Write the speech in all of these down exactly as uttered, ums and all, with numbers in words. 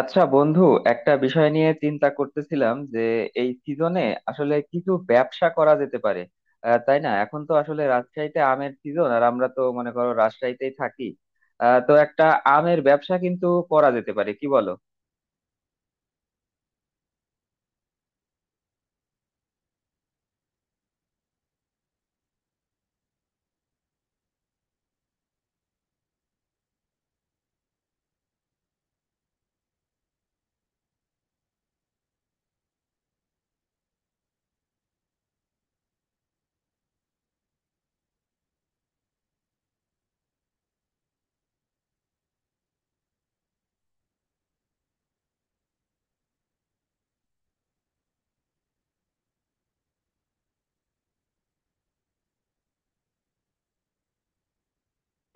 আচ্ছা বন্ধু, একটা বিষয় নিয়ে চিন্তা করতেছিলাম যে এই সিজনে আসলে কিছু ব্যবসা করা যেতে পারে। আহ, তাই না? এখন তো আসলে রাজশাহীতে আমের সিজন, আর আমরা তো মনে করো রাজশাহীতেই থাকি। আহ, তো একটা আমের ব্যবসা কিন্তু করা যেতে পারে, কি বলো?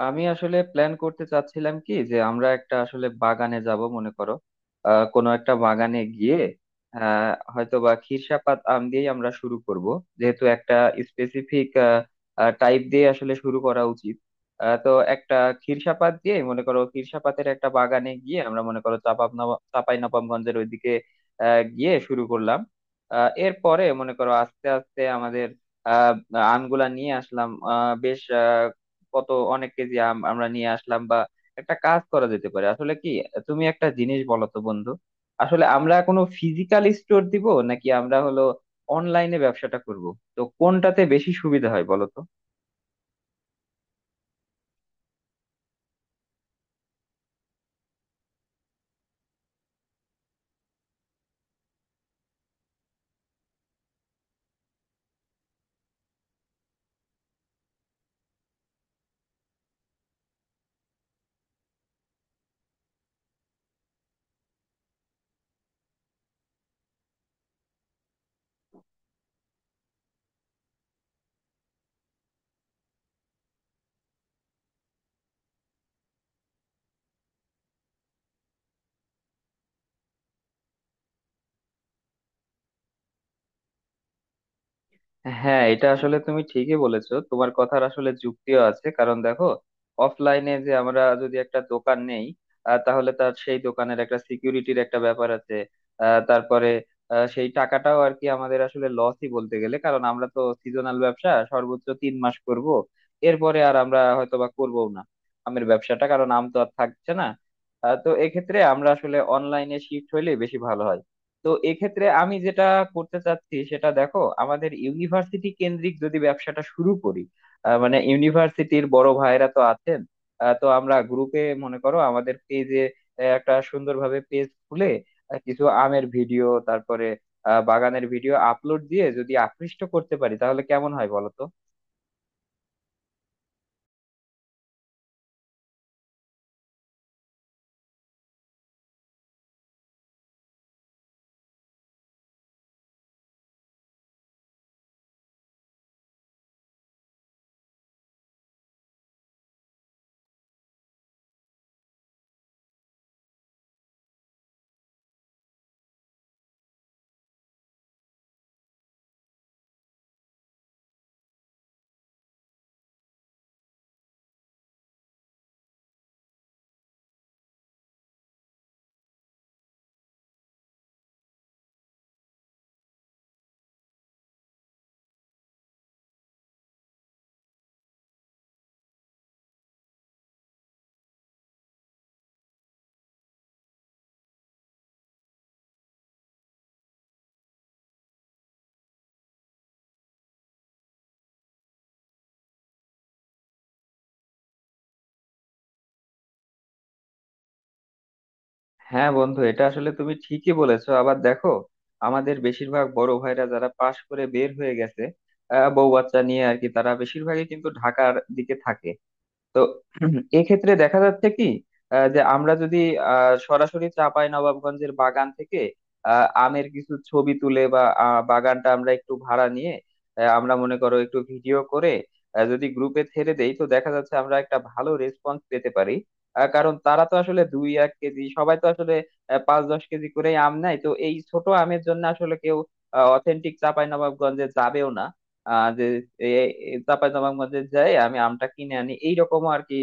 আমি আসলে প্ল্যান করতে চাচ্ছিলাম কি, যে আমরা একটা আসলে বাগানে যাব, মনে করো আহ কোনো একটা বাগানে গিয়ে আহ হয়তো বা খিরসাপাত আম দিয়ে আমরা শুরু করব। যেহেতু একটা স্পেসিফিক টাইপ দিয়ে আসলে শুরু করা উচিত। আহ, তো একটা খিরসাপাত দিয়ে, মনে করো খিরসাপাতের একটা বাগানে গিয়ে আমরা, মনে করো চাপাপ চাপাই নবাবগঞ্জের ওইদিকে আহ গিয়ে শুরু করলাম। আহ এরপরে, মনে করো আস্তে আস্তে আমাদের আহ আমগুলা নিয়ে আসলাম। আহ বেশ কত অনেক কেজি আম আমরা নিয়ে আসলাম। বা একটা কাজ করা যেতে পারে, আসলে কি, তুমি একটা জিনিস বলো তো বন্ধু। আসলে আমরা কোনো ফিজিক্যাল স্টোর দিব, নাকি আমরা হলো অনলাইনে ব্যবসাটা করব? তো কোনটাতে বেশি সুবিধা হয় বলো তো? হ্যাঁ, এটা আসলে তুমি ঠিকই বলেছো, তোমার কথার আসলে যুক্তিও আছে। কারণ দেখো, অফলাইনে যে আমরা যদি একটা দোকান নেই, আহ, তাহলে তার সেই দোকানের একটা সিকিউরিটির একটা ব্যাপার আছে। আহ, তারপরে আহ, সেই টাকাটাও আর কি আমাদের আসলে লসই বলতে গেলে। কারণ আমরা তো সিজনাল ব্যবসা সর্বোচ্চ তিন মাস করব, এরপরে আর আমরা হয়তো বা করবো না আমের ব্যবসাটা, কারণ আম তো আর থাকছে না। আহ, তো এক্ষেত্রে আমরা আসলে অনলাইনে শিফট হইলে বেশি ভালো হয়। তো এক্ষেত্রে আমি যেটা করতে চাচ্ছি, সেটা দেখো, আমাদের ইউনিভার্সিটি কেন্দ্রিক যদি ব্যবসাটা শুরু করি, আহ, মানে ইউনিভার্সিটির বড় ভাইরা তো আছেন। আহ, তো আমরা গ্রুপে, মনে করো আমাদের পেজে একটা সুন্দরভাবে পেজ খুলে আহ, কিছু আমের ভিডিও, তারপরে আহ, বাগানের ভিডিও আপলোড দিয়ে যদি আকৃষ্ট করতে পারি, তাহলে কেমন হয় বলো তো? হ্যাঁ বন্ধু, এটা আসলে তুমি ঠিকই বলেছো। আবার দেখো, আমাদের বেশিরভাগ বড় ভাইরা যারা পাশ করে বের হয়ে গেছে আহ, বউ বাচ্চা নিয়ে আর কি, তারা বেশিরভাগই কিন্তু ঢাকার দিকে থাকে। তো এক্ষেত্রে দেখা যাচ্ছে কি, আহ, যে আমরা যদি আহ, সরাসরি নবাবগঞ্জের বাগান থেকে আহ, আমের কিছু ছবি তুলে, বা আহ, বাগানটা আমরা একটু ভাড়া নিয়ে আহ, আমরা মনে করো একটু ভিডিও করে আহ, যদি গ্রুপে ছেড়ে দেই, তো দেখা যাচ্ছে আমরা একটা ভালো রেসপন্স পেতে পারি। আহ, কারণ তারা তো আসলে দুই এক কেজি, সবাই তো আসলে আহ, পাঁচ দশ কেজি করেই আম নেয়। তো এই ছোট আমের জন্য আসলে কেউ অথেন্টিক চাঁপাই নবাবগঞ্জে যাবেও না। আহ যে চাঁপাইনবাবগঞ্জে যাই, আমি আমটা কিনে আনি, এইরকম আর কি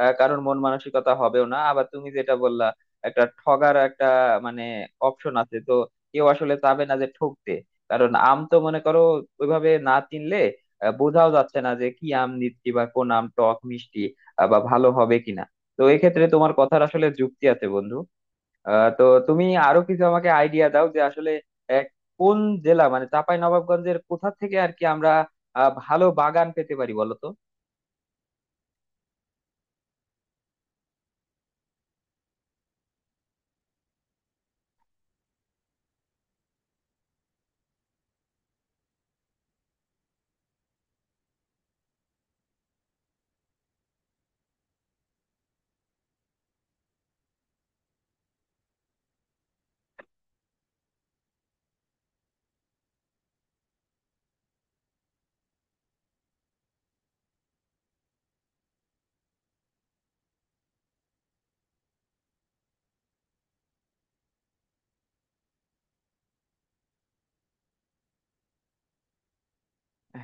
আহ, কারোর মন মানসিকতা হবেও না। আবার তুমি যেটা বললা, একটা ঠগার একটা মানে অপশন আছে তো, কেউ আসলে চাবে না যে ঠকতে। কারণ আম তো মনে করো ওইভাবে না চিনলে আহ, বোঝাও যাচ্ছে না যে কি আম নিচ্ছি, বা কোন আম টক মিষ্টি আহ, বা ভালো হবে কিনা। তো এক্ষেত্রে তোমার কথার আসলে যুক্তি আছে বন্ধু। আহ তো তুমি আরো কিছু আমাকে আইডিয়া দাও, যে আসলে আহ, কোন জেলা, মানে চাঁপাই নবাবগঞ্জের কোথা থেকে আর কি আমরা আহ, ভালো বাগান পেতে পারি বলো তো?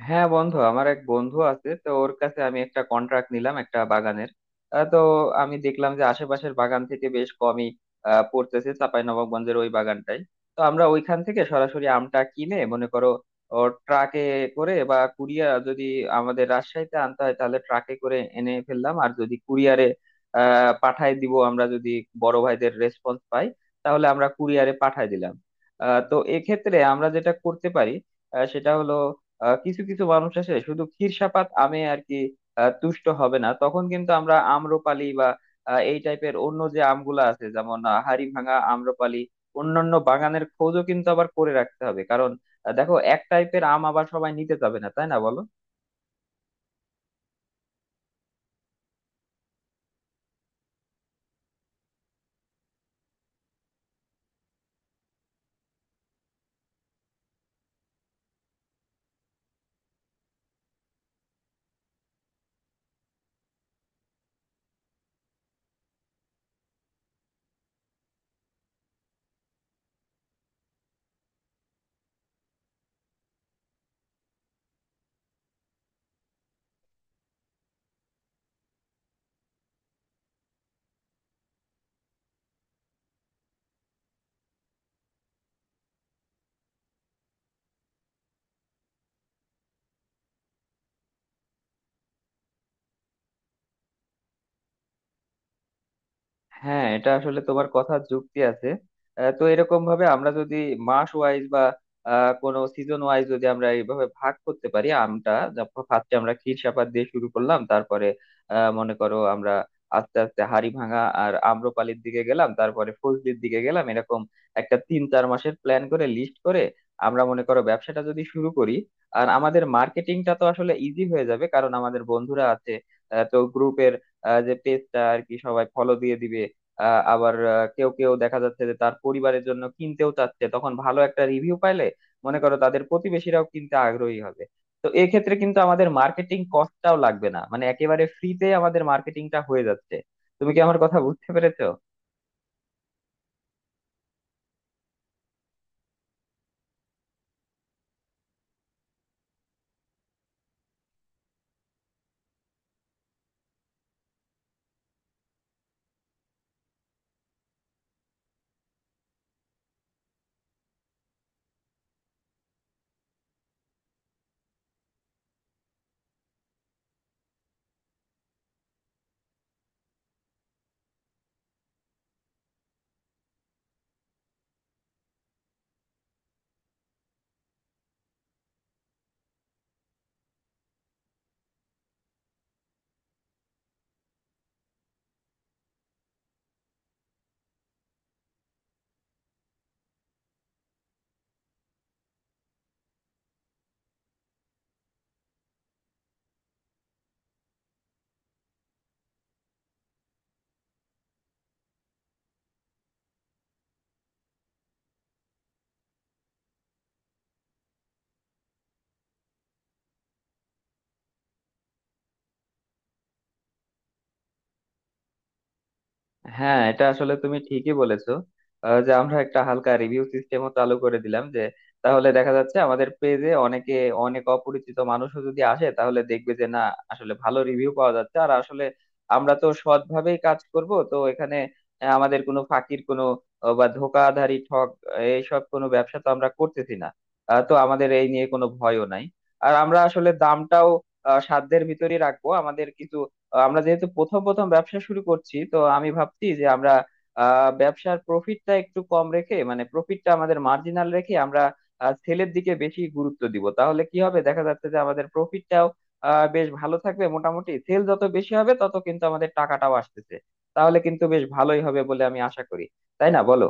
হ্যাঁ বন্ধু, আমার এক বন্ধু আছে তো, ওর কাছে আমি একটা কন্ট্রাক্ট নিলাম একটা বাগানের। আহ, তো আমি দেখলাম যে আশেপাশের বাগান থেকে বেশ কমই আহ, পড়তেছে চাঁপাইনবাবগঞ্জের ওই বাগানটাই। তো আমরা ওইখান থেকে সরাসরি আমটা কিনে, মনে করো ও ট্রাকে করে বা কুরিয়া, যদি আমাদের রাজশাহীতে আনতে হয় তাহলে ট্রাকে করে এনে ফেললাম। আর যদি কুরিয়ারে আহ পাঠায় দিব, আমরা যদি বড় ভাইদের রেসপন্স পাই, তাহলে আমরা কুরিয়ারে পাঠায় দিলাম। আহ, তো এক্ষেত্রে আমরা যেটা করতে পারি আহ, সেটা হলো আহ কিছু কিছু মানুষ আছে শুধু ক্ষীরসাপাত আমে আর কি আহ তুষ্ট হবে না, তখন কিন্তু আমরা আম্রপালি বা আহ, এই টাইপের অন্য যে আমগুলা আছে, যেমন আহ, হাড়িভাঙা, আম্রপালি, অন্যান্য বাগানের খোঁজও কিন্তু আবার করে রাখতে হবে। কারণ আহ, দেখো, এক টাইপের আম আবার সবাই নিতে যাবে না, তাই না বলো? হ্যাঁ, এটা আসলে তোমার কথা যুক্তি আছে। আহ, তো এরকম ভাবে আমরা যদি মাস ওয়াইজ, বা আহ, কোনো সিজন ওয়াইজ যদি আমরা এইভাবে ভাগ করতে পারি আমটা, ফার্স্টে আমরা ক্ষীর সাপাত দিয়ে শুরু করলাম, তারপরে আহ, মনে করো আমরা আস্তে আস্তে হাড়ি ভাঙা আর আম্রপালির দিকে গেলাম, তারপরে ফজলির দিকে গেলাম, এরকম একটা তিন চার মাসের প্ল্যান করে, লিস্ট করে আমরা মনে করো ব্যবসাটা যদি শুরু করি। আর আমাদের মার্কেটিংটা তো আসলে ইজি হয়ে যাবে, কারণ আমাদের বন্ধুরা আছে। আহ, তো গ্রুপের যে পেজটা আর কি, সবাই ফলো দিয়ে দিবে। আহ আবার আহ, কেউ কেউ দেখা যাচ্ছে যে তার পরিবারের জন্য কিনতেও চাচ্ছে, তখন ভালো একটা রিভিউ পাইলে, মনে করো তাদের প্রতিবেশীরাও কিনতে আগ্রহী হবে। তো এক্ষেত্রে কিন্তু আমাদের মার্কেটিং কস্টটাও লাগবে না, মানে একেবারে ফ্রিতে আমাদের মার্কেটিংটা হয়ে যাচ্ছে। তুমি কি আমার কথা বুঝতে পেরেছো? হ্যাঁ, এটা আসলে তুমি ঠিকই বলেছো। আহ, যে আমরা একটা হালকা রিভিউ সিস্টেমও চালু করে দিলাম, যে তাহলে দেখা যাচ্ছে আমাদের পেজে অনেকে, অনেক অপরিচিত মানুষও যদি আসে, তাহলে দেখবে যে না, আসলে ভালো রিভিউ পাওয়া যাচ্ছে। আর আসলে আমরা তো সৎভাবেই কাজ করব, তো এখানে আহ, আমাদের কোনো ফাঁকির কোনো আহ, বা ধোকাধারী ঠক আহ, এইসব কোনো ব্যবসা তো আমরা করতেছি না। আহ, তো আমাদের এই নিয়ে কোনো ভয়ও নাই। আর আমরা আসলে দামটাও আহ, সাধ্যের ভিতরেই রাখবো। আমাদের কিছু আহ, আমরা যেহেতু প্রথম প্রথম ব্যবসা শুরু করছি, তো আমি ভাবছি যে আমরা আহ ব্যবসার প্রফিটটা একটু কম রেখে, মানে প্রফিটটা আমাদের মার্জিনাল রেখে আমরা সেলের দিকে বেশি গুরুত্ব দিব। তাহলে কি হবে, দেখা যাচ্ছে যে আমাদের প্রফিটটাও আহ বেশ ভালো থাকবে। মোটামুটি সেল যত বেশি হবে, তত কিন্তু আমাদের টাকাটাও আসতেছে, তাহলে কিন্তু বেশ ভালোই হবে বলে আমি আশা করি। তাই না বলো?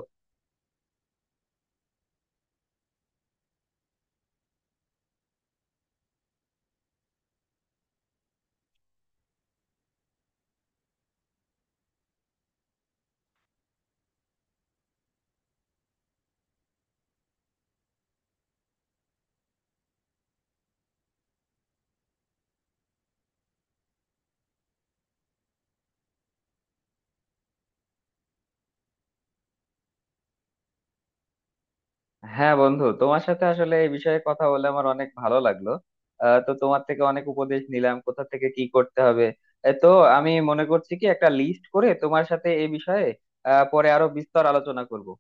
হ্যাঁ বন্ধু, তোমার সাথে আসলে এই বিষয়ে কথা বলে আমার অনেক ভালো লাগলো। আহ, তো তোমার থেকে অনেক উপদেশ নিলাম, কোথা থেকে কি করতে হবে, এ তো আমি মনে করছি কি একটা লিস্ট করে তোমার সাথে এই বিষয়ে আহ, পরে আরো বিস্তর আলোচনা করব।